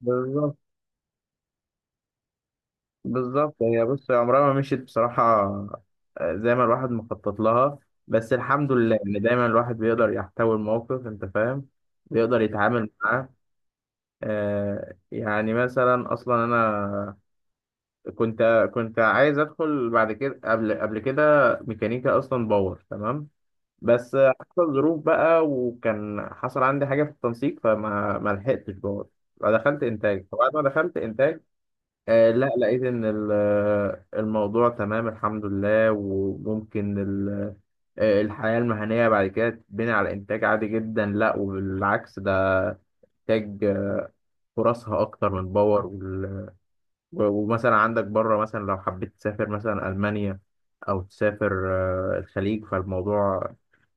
بالظبط، بالظبط. هي عمرها ما مشيت بصراحة، زي ما الواحد مخطط لها. بس الحمد لله إن دايما الواحد بيقدر يحتوي الموقف، أنت فاهم، بيقدر يتعامل معاه. يعني مثلا، أصلا أنا كنت عايز أدخل بعد كده، قبل كده ميكانيكا أصلا، باور تمام. بس حصل ظروف بقى، وكان حصل عندي حاجة في التنسيق، فما ما لحقتش باور. فدخلت إنتاج، فبعد ما دخلت إنتاج لا، لقيت ان الموضوع تمام الحمد لله، وممكن الحياة المهنية بعد كده تبني على انتاج عالي جدا، لا وبالعكس، ده انتاج، فرصها اكتر من باور، وال- و- ومثلا عندك بره، مثلا لو حبيت تسافر مثلا المانيا، او تسافر الخليج، فالموضوع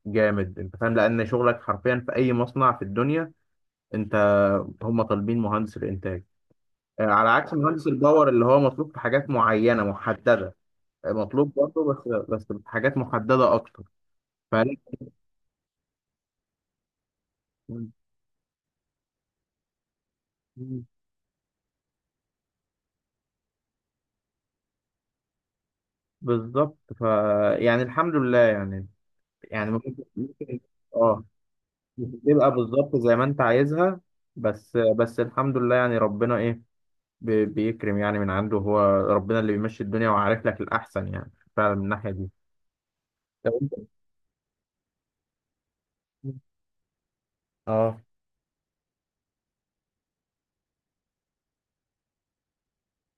جامد، انت فاهم، لان شغلك حرفيا في اي مصنع في الدنيا، انت هم طالبين مهندس الانتاج، على عكس مهندس الباور اللي هو مطلوب في حاجات معينة محددة. مطلوب برضه، بس بحاجات محددة أكتر. فلا. مم. بالظبط. يعني الحمد لله يعني ممكن. اه، مش بتبقى بالظبط زي ما أنت عايزها. بس الحمد لله يعني، ربنا إيه، بيكرم يعني من عنده هو. ربنا اللي بيمشي الدنيا، وعارف لك الأحسن يعني، فعلا من الناحية دي. طب أنت. اه،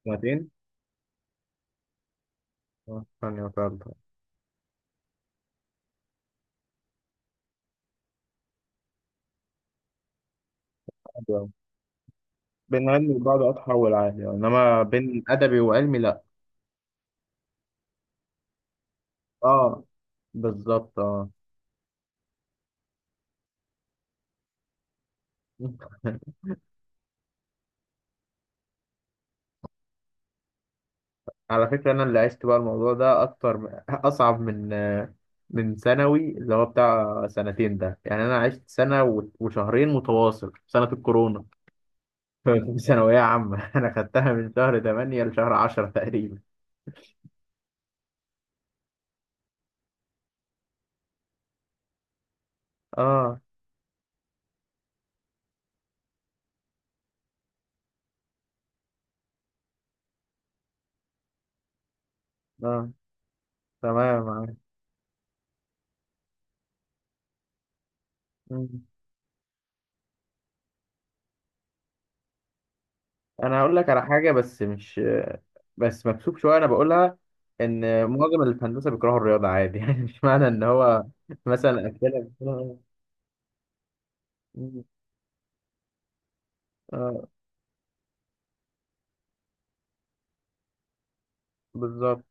سنتين. اه، ثانية وثالثة. عادي أوي. بين علمي وبعد أتحول عادي يعني، إنما بين أدبي وعلمي لأ. اه، بالظبط. اه. على فكرة أنا اللي عشت بقى الموضوع ده أكتر، أصعب من ثانوي اللي هو بتاع سنتين ده، يعني أنا عشت سنة و- وشهرين متواصل في سنة الكورونا. في ثانوية عامة. أنا خدتها من شهر تمانية لشهر عشرة تقريبا. آه، آه تمام معاك. مم. أنا هقول لك على حاجة، بس مش بس مكسوف شوية أنا بقولها، إن معظم اللي في هندسة بيكرهوا الرياضة عادي. يعني مش معنى إن هو مثلا أكلها. آه، بالظبط.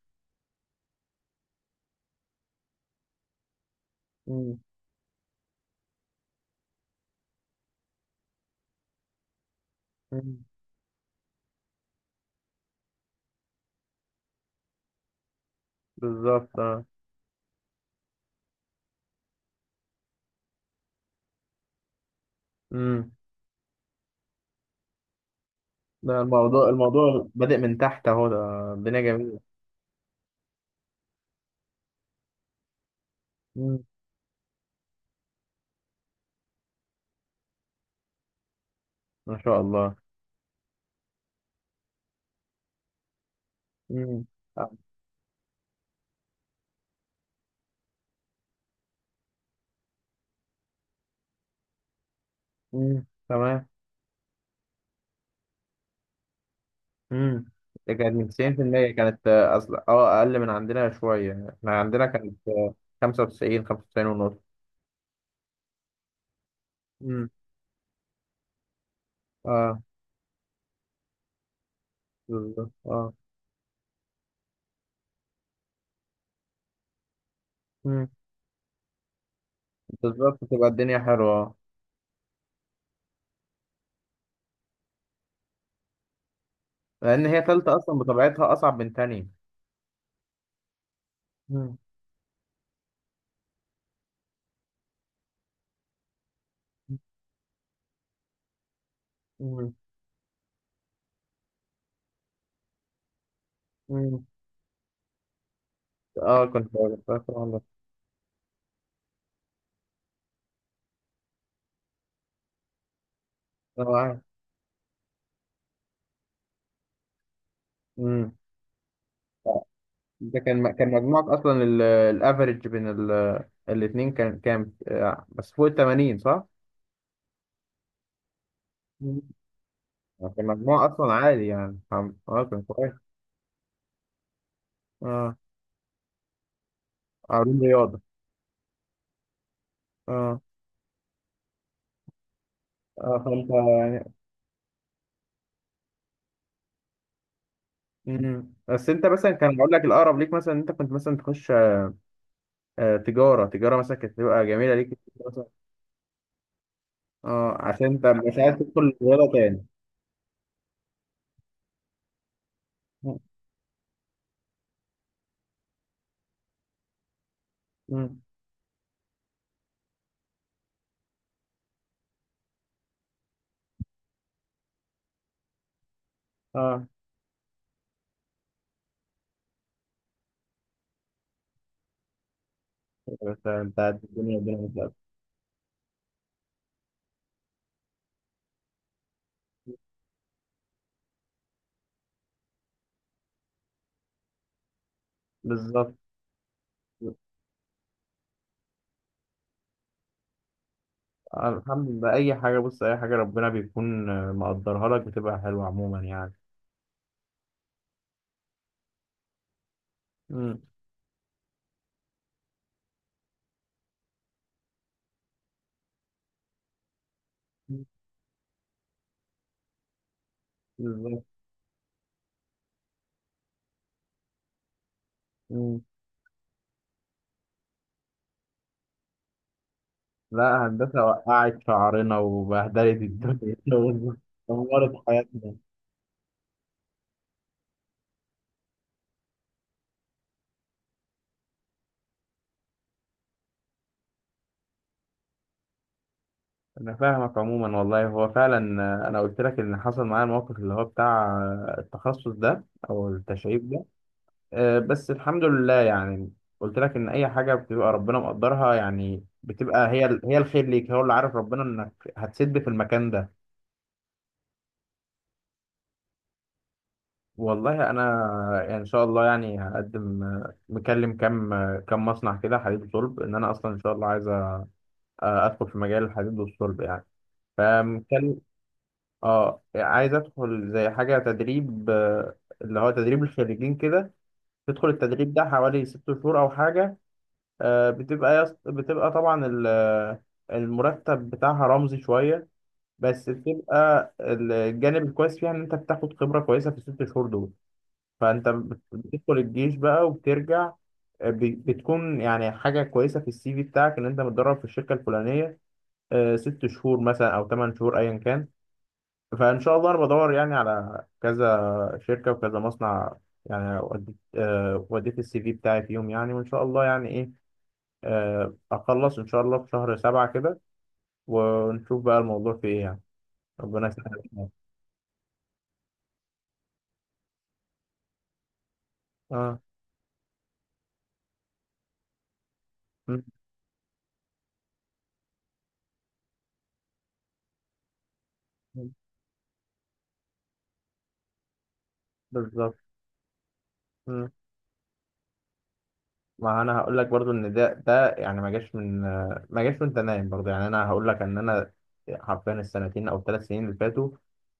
مم. مم. بالظبط. اه. امم. ده الموضوع بادئ من تحت اهو، ده الدنيا جميلة. امم. ما شاء الله. امم. تمام. امم. ده كانت من 90% كانت، أصل اه أقل من عندنا شوية، احنا عندنا كانت، 95، 95 ونص. امم. اه، بالظبط. اه. امم. بالظبط، تبقى الدنيا حلوة. لأن هي تالتة أصلا بطبيعتها أصعب من تانية. امم. امم. امم. اه. أنا معاك. امم. ده كان مجموعك اصلا، الافريج بين الاتنين كان كام، بس فوق ال 80، صح؟ مم. كان مجموع اصلا عالي، يعني فاهم؟ اه، كان كويس. اه، علوم رياضه. اه. اه. فانت يعني. مم. بس انت مثلا، كان اقول لك الاقرب ليك مثلا إن انت كنت مثلا تخش تجاره مثلا، كانت تبقى جميله ليك مثلا. اه، عشان انت مش عايز تدخل رياضه تاني. مم. اه، بس انت عارف، الدنيا مش لازمة. بالظبط. الحمد لله، اي حاجه، بص، اي حاجه ربنا بيكون مقدرها لك بتبقى حلوه عموما يعني. امم. بالظبط. مم. لا، هندسه وقعت شعرنا وبهدلت الدنيا. ودمرت حياتنا. انا فاهمك عموما والله، هو فعلا انا قلت لك، ان حصل معايا الموقف اللي هو بتاع التخصص ده، او التشعيب ده. بس الحمد لله يعني. قلت لك ان اي حاجه بتبقى ربنا مقدرها يعني، بتبقى هي هي الخير ليك، هو اللي عارف، ربنا، انك هتسد في المكان ده. والله انا، يعني ان شاء الله يعني هقدم. مكلم كام، كام مصنع كده حديد وصلب، ان انا اصلا ان شاء الله عايز ادخل في مجال الحديد والصلب يعني. فمكلم. اه، عايز ادخل زي حاجه تدريب، اللي هو تدريب الخريجين كده، تدخل التدريب ده حوالي ست شهور او حاجه. بتبقى بتبقى طبعا المرتب بتاعها رمزي شويه، بس بتبقى الجانب الكويس فيها ان انت بتاخد خبره كويسه في الست شهور دول. فانت بتدخل الجيش بقى وبترجع، بتكون يعني حاجه كويسه في السي في بتاعك، ان انت متدرب في الشركه الفلانيه، ست شهور مثلا او ثمان شهور ايا كان. فان شاء الله انا بدور يعني على كذا شركه وكذا مصنع يعني، وديت وديت السي في بتاعي فيهم يعني. وان شاء الله يعني ايه، اخلص ان شاء الله في شهر سبعة كده، ونشوف بقى الموضوع في ايه يعني. ربنا يسهل. اه. م- م- بالظبط. ما انا هقول لك برضو ان ده يعني، ما جاش وانت نايم برضو يعني. انا هقول لك ان انا حرفيا السنتين او الثلاث سنين اللي فاتوا،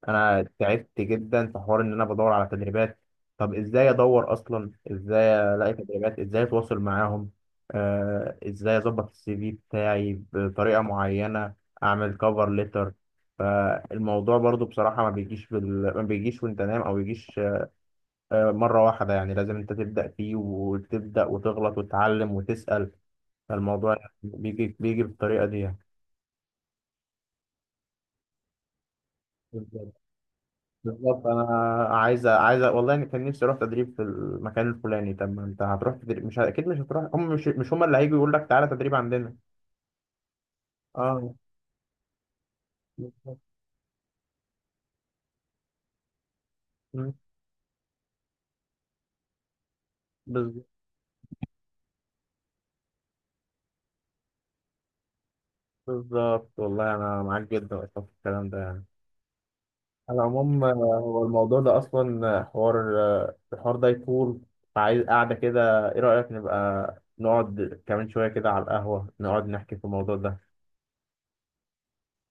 انا تعبت جدا في حوار ان انا بدور على تدريبات. طب ازاي ادور اصلا؟ ازاي الاقي تدريبات؟ ازاي اتواصل معاهم؟ ازاي اظبط السي في بتاعي بطريقه معينه؟ اعمل كفر ليتر. فالموضوع برضو بصراحه ما بيجيش ما بيجيش وانت نايم، او بيجيش مرة واحدة يعني، لازم أنت تبدأ فيه وتبدأ وتغلط وتتعلم وتسأل. فالموضوع بيجي بالطريقة دي يعني. بالظبط. بالظبط، أنا عايز والله، أنا كان نفسي أروح تدريب في المكان الفلاني. طب ما أنت هتروح تدريب، مش أكيد مش هتروح، هم مش هم اللي هيجوا يقول لك تعالى تدريب عندنا. أه، بالظبط. مم، بالظبط. بالظبط. والله أنا معاك جدا أصلا في الكلام ده يعني. على العموم، هو الموضوع ده أصلا، حوار، الحوار ده يطول، فعايز قاعدة كده، إيه رأيك نبقى نقعد كمان شوية كده على القهوة نقعد نحكي في الموضوع ده؟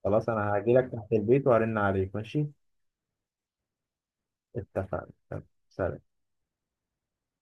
خلاص، أنا هجيلك تحت البيت وهرن عليك، ماشي؟ اتفقنا. سلام.